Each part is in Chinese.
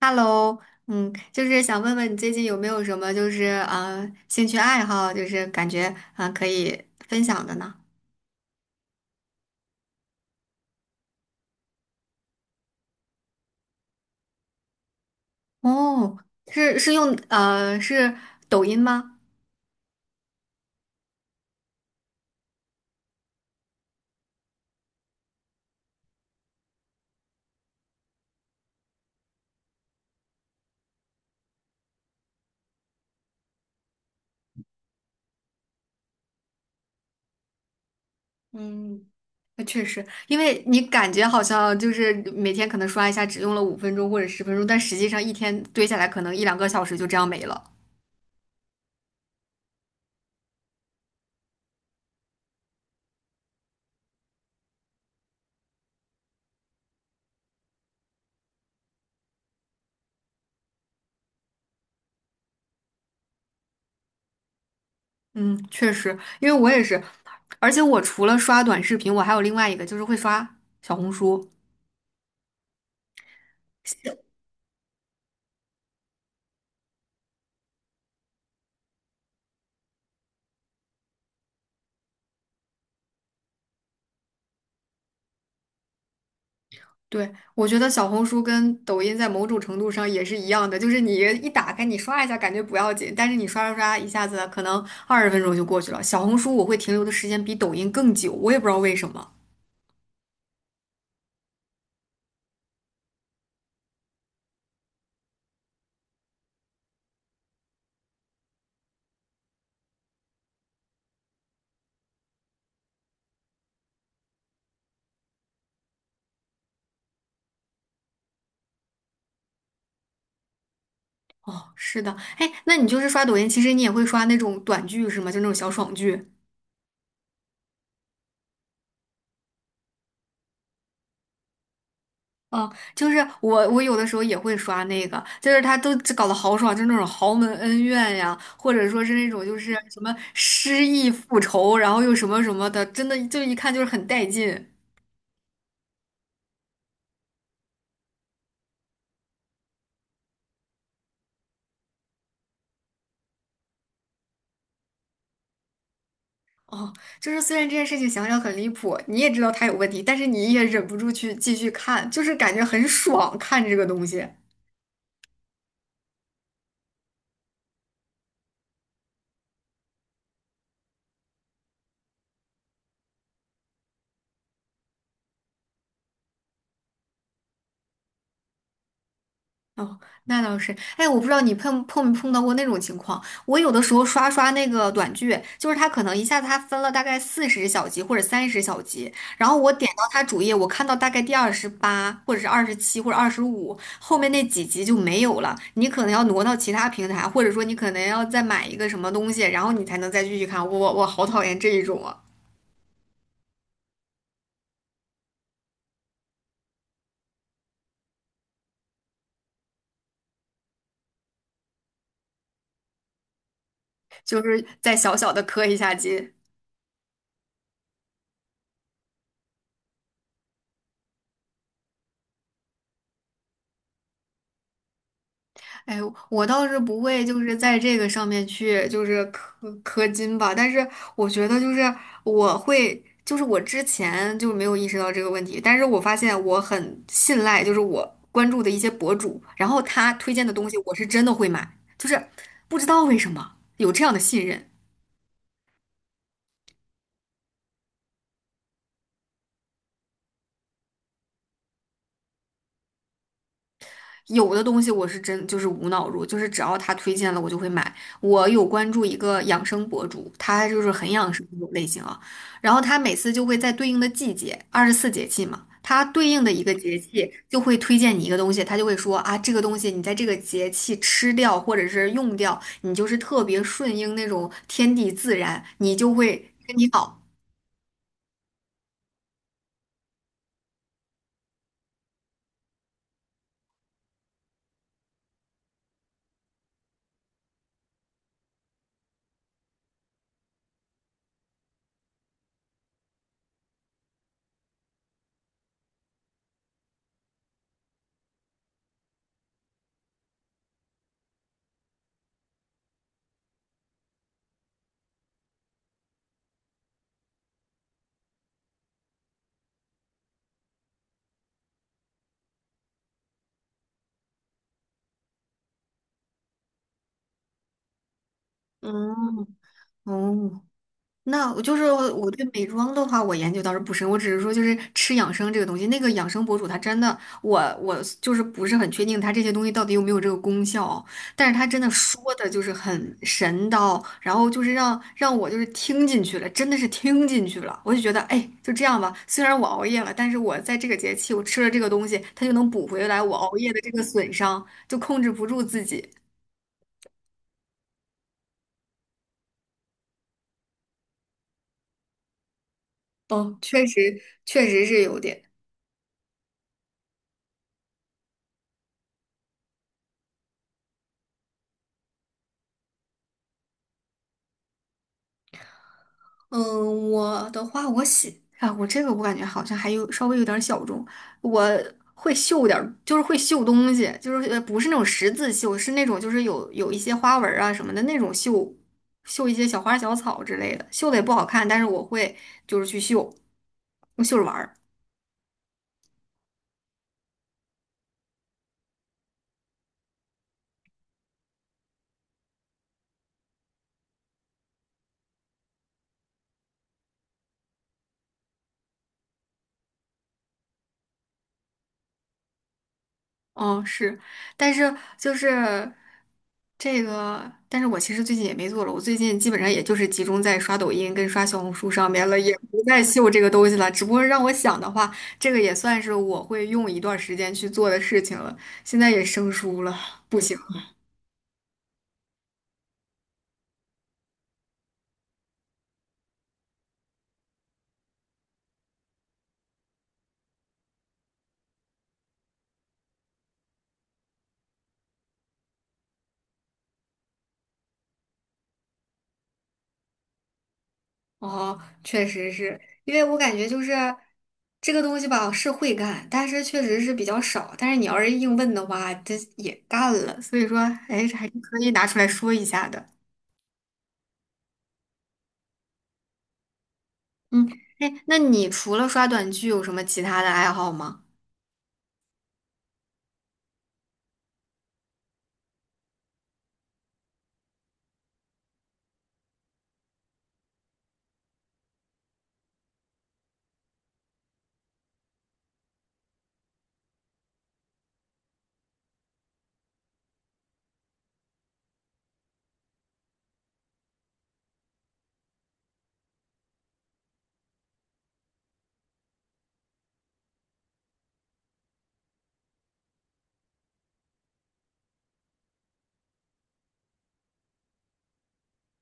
Hello，嗯，就是想问问你最近有没有什么就是兴趣爱好，就是感觉啊可以分享的呢？哦，是是用呃是抖音吗？嗯，那确实，因为你感觉好像就是每天可能刷一下，只用了5分钟或者十分钟，但实际上一天堆下来可能一两个小时就这样没了。嗯，确实，因为我也是，而且我除了刷短视频，我还有另外一个就是会刷小红书。对，我觉得小红书跟抖音在某种程度上也是一样的，就是你一打开，你刷一下感觉不要紧，但是你刷刷刷，一下子可能20分钟就过去了。小红书我会停留的时间比抖音更久，我也不知道为什么。哦，是的，哎，那你就是刷抖音，其实你也会刷那种短剧是吗？就那种小爽剧。啊，就是我有的时候也会刷那个，就是他都搞得好爽，就是那种豪门恩怨呀，或者说是那种就是什么失忆复仇，然后又什么什么的，真的就一看就是很带劲。哦，就是虽然这件事情想想很离谱，你也知道他有问题，但是你也忍不住去继续看，就是感觉很爽看这个东西。哦，那倒是。哎，我不知道你碰没碰到过那种情况。我有的时候刷刷那个短剧，就是他可能一下子他分了大概40小集或者30小集，然后我点到他主页，我看到大概第28或者是27或者25，后面那几集就没有了。你可能要挪到其他平台，或者说你可能要再买一个什么东西，然后你才能再继续看。我好讨厌这一种啊，就是再小小的磕一下机。哎，我倒是不会，就是在这个上面去，就是氪金吧。但是我觉得，就是我会，就是我之前就没有意识到这个问题，但是我发现我很信赖，就是我关注的一些博主，然后他推荐的东西，我是真的会买，就是不知道为什么有这样的信任。有的东西我是真就是无脑入，就是只要他推荐了我就会买。我有关注一个养生博主，他就是很养生那种类型啊，然后他每次就会在对应的季节，二十四节气嘛，他对应的一个节气就会推荐你一个东西，他就会说啊，这个东西你在这个节气吃掉或者是用掉，你就是特别顺应那种天地自然，你就会身体好。嗯，哦，那我就是我对美妆的话，我研究倒是不深，我只是说就是吃养生这个东西，那个养生博主他真的，我就是不是很确定他这些东西到底有没有这个功效，但是他真的说的就是很神叨，然后就是让我就是听进去了，真的是听进去了，我就觉得哎，就这样吧，虽然我熬夜了，但是我在这个节气我吃了这个东西，它就能补回来我熬夜的这个损伤，就控制不住自己。哦，确实确实是有点。嗯，我的话，我喜啊，我这个我感觉好像还有稍微有点儿小众。我会绣点儿就是会绣东西，就是不是那种十字绣，是那种就是有一些花纹儿啊什么的那种绣，绣一些小花小草之类的，绣的也不好看，但是我会就是去绣，我绣着玩儿。哦，是，但是就是这个，但是我其实最近也没做了，我最近基本上也就是集中在刷抖音跟刷小红书上面了，也不再秀这个东西了。只不过让我想的话，这个也算是我会用一段时间去做的事情了。现在也生疏了，不行。哦，确实是，因为我感觉就是这个东西吧，是会干，但是确实是比较少。但是你要是硬问的话，这也干了，所以说，哎，这还是可以拿出来说一下的。嗯，哎，那你除了刷短剧有什么其他的爱好吗？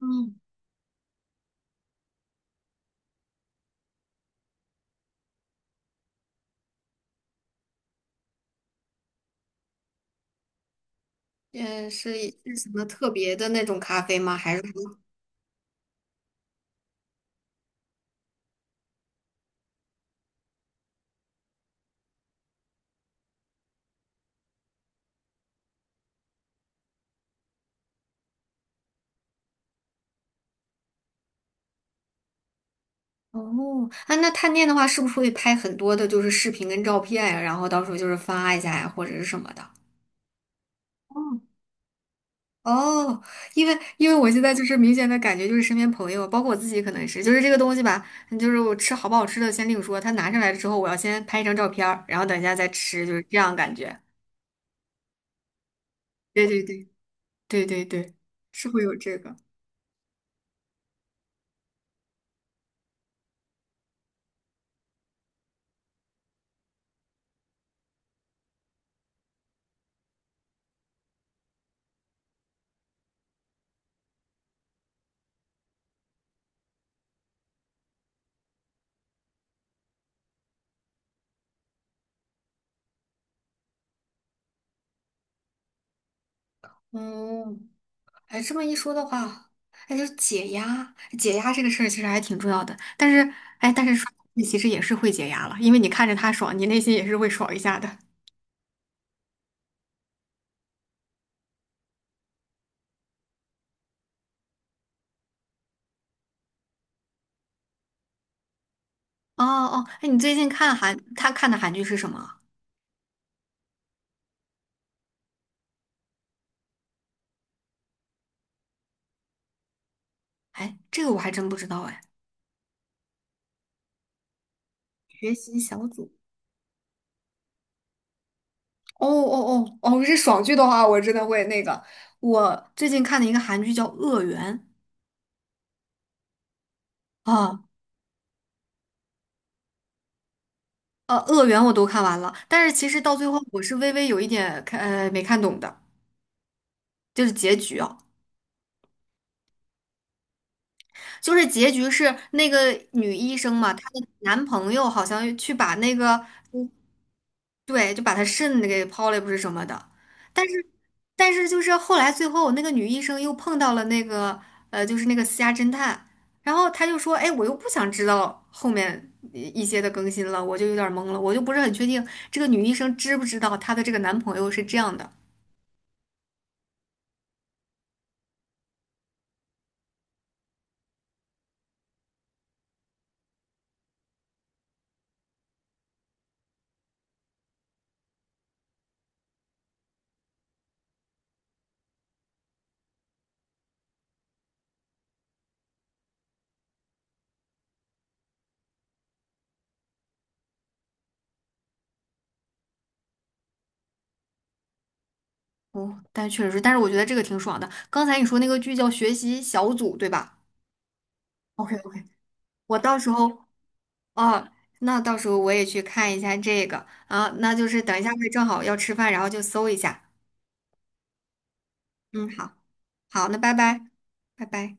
嗯，也是什么特别的那种咖啡吗？还是说哦，啊，那探店的话，是不是会拍很多的就是视频跟照片呀？然后到时候就是发一下呀，或者是什么的？哦，哦，因为我现在就是明显的感觉，就是身边朋友，包括我自己，可能是就是这个东西吧，嗯，就是我吃好不好吃的先另说，他拿上来之后，我要先拍一张照片儿然后等一下再吃，就是这样感觉。对对对对对对，是会有这个。嗯，哎，这么一说的话，哎，就是解压，解压这个事儿其实还挺重要的。但是，哎，但是说你其实也是会解压了，因为你看着他爽，你内心也是会爽一下的。哦哦，哎，你最近他看的韩剧是什么啊？哎，这个我还真不知道哎。学习小组。哦哦哦哦，是爽剧的话，我真的会那个。我最近看的一个韩剧叫《恶缘》啊，《恶缘》我都看完了，但是其实到最后我是微微有一点看，没看懂的，就是结局啊。就是结局是那个女医生嘛，她的男朋友好像去把那个，对，就把她肾给抛了，不是什么的。但是，就是后来最后那个女医生又碰到了那个，就是那个私家侦探，然后她就说，哎，我又不想知道后面一些的更新了，我就有点懵了，我就不是很确定这个女医生知不知道她的这个男朋友是这样的。哦，但确实是，但是我觉得这个挺爽的。刚才你说那个剧叫《学习小组》，对吧？OK OK，我到时候。哦，那到时候我也去看一下这个啊，那就是等一下会正好要吃饭，然后就搜一下。嗯，好，好，那拜拜，拜拜。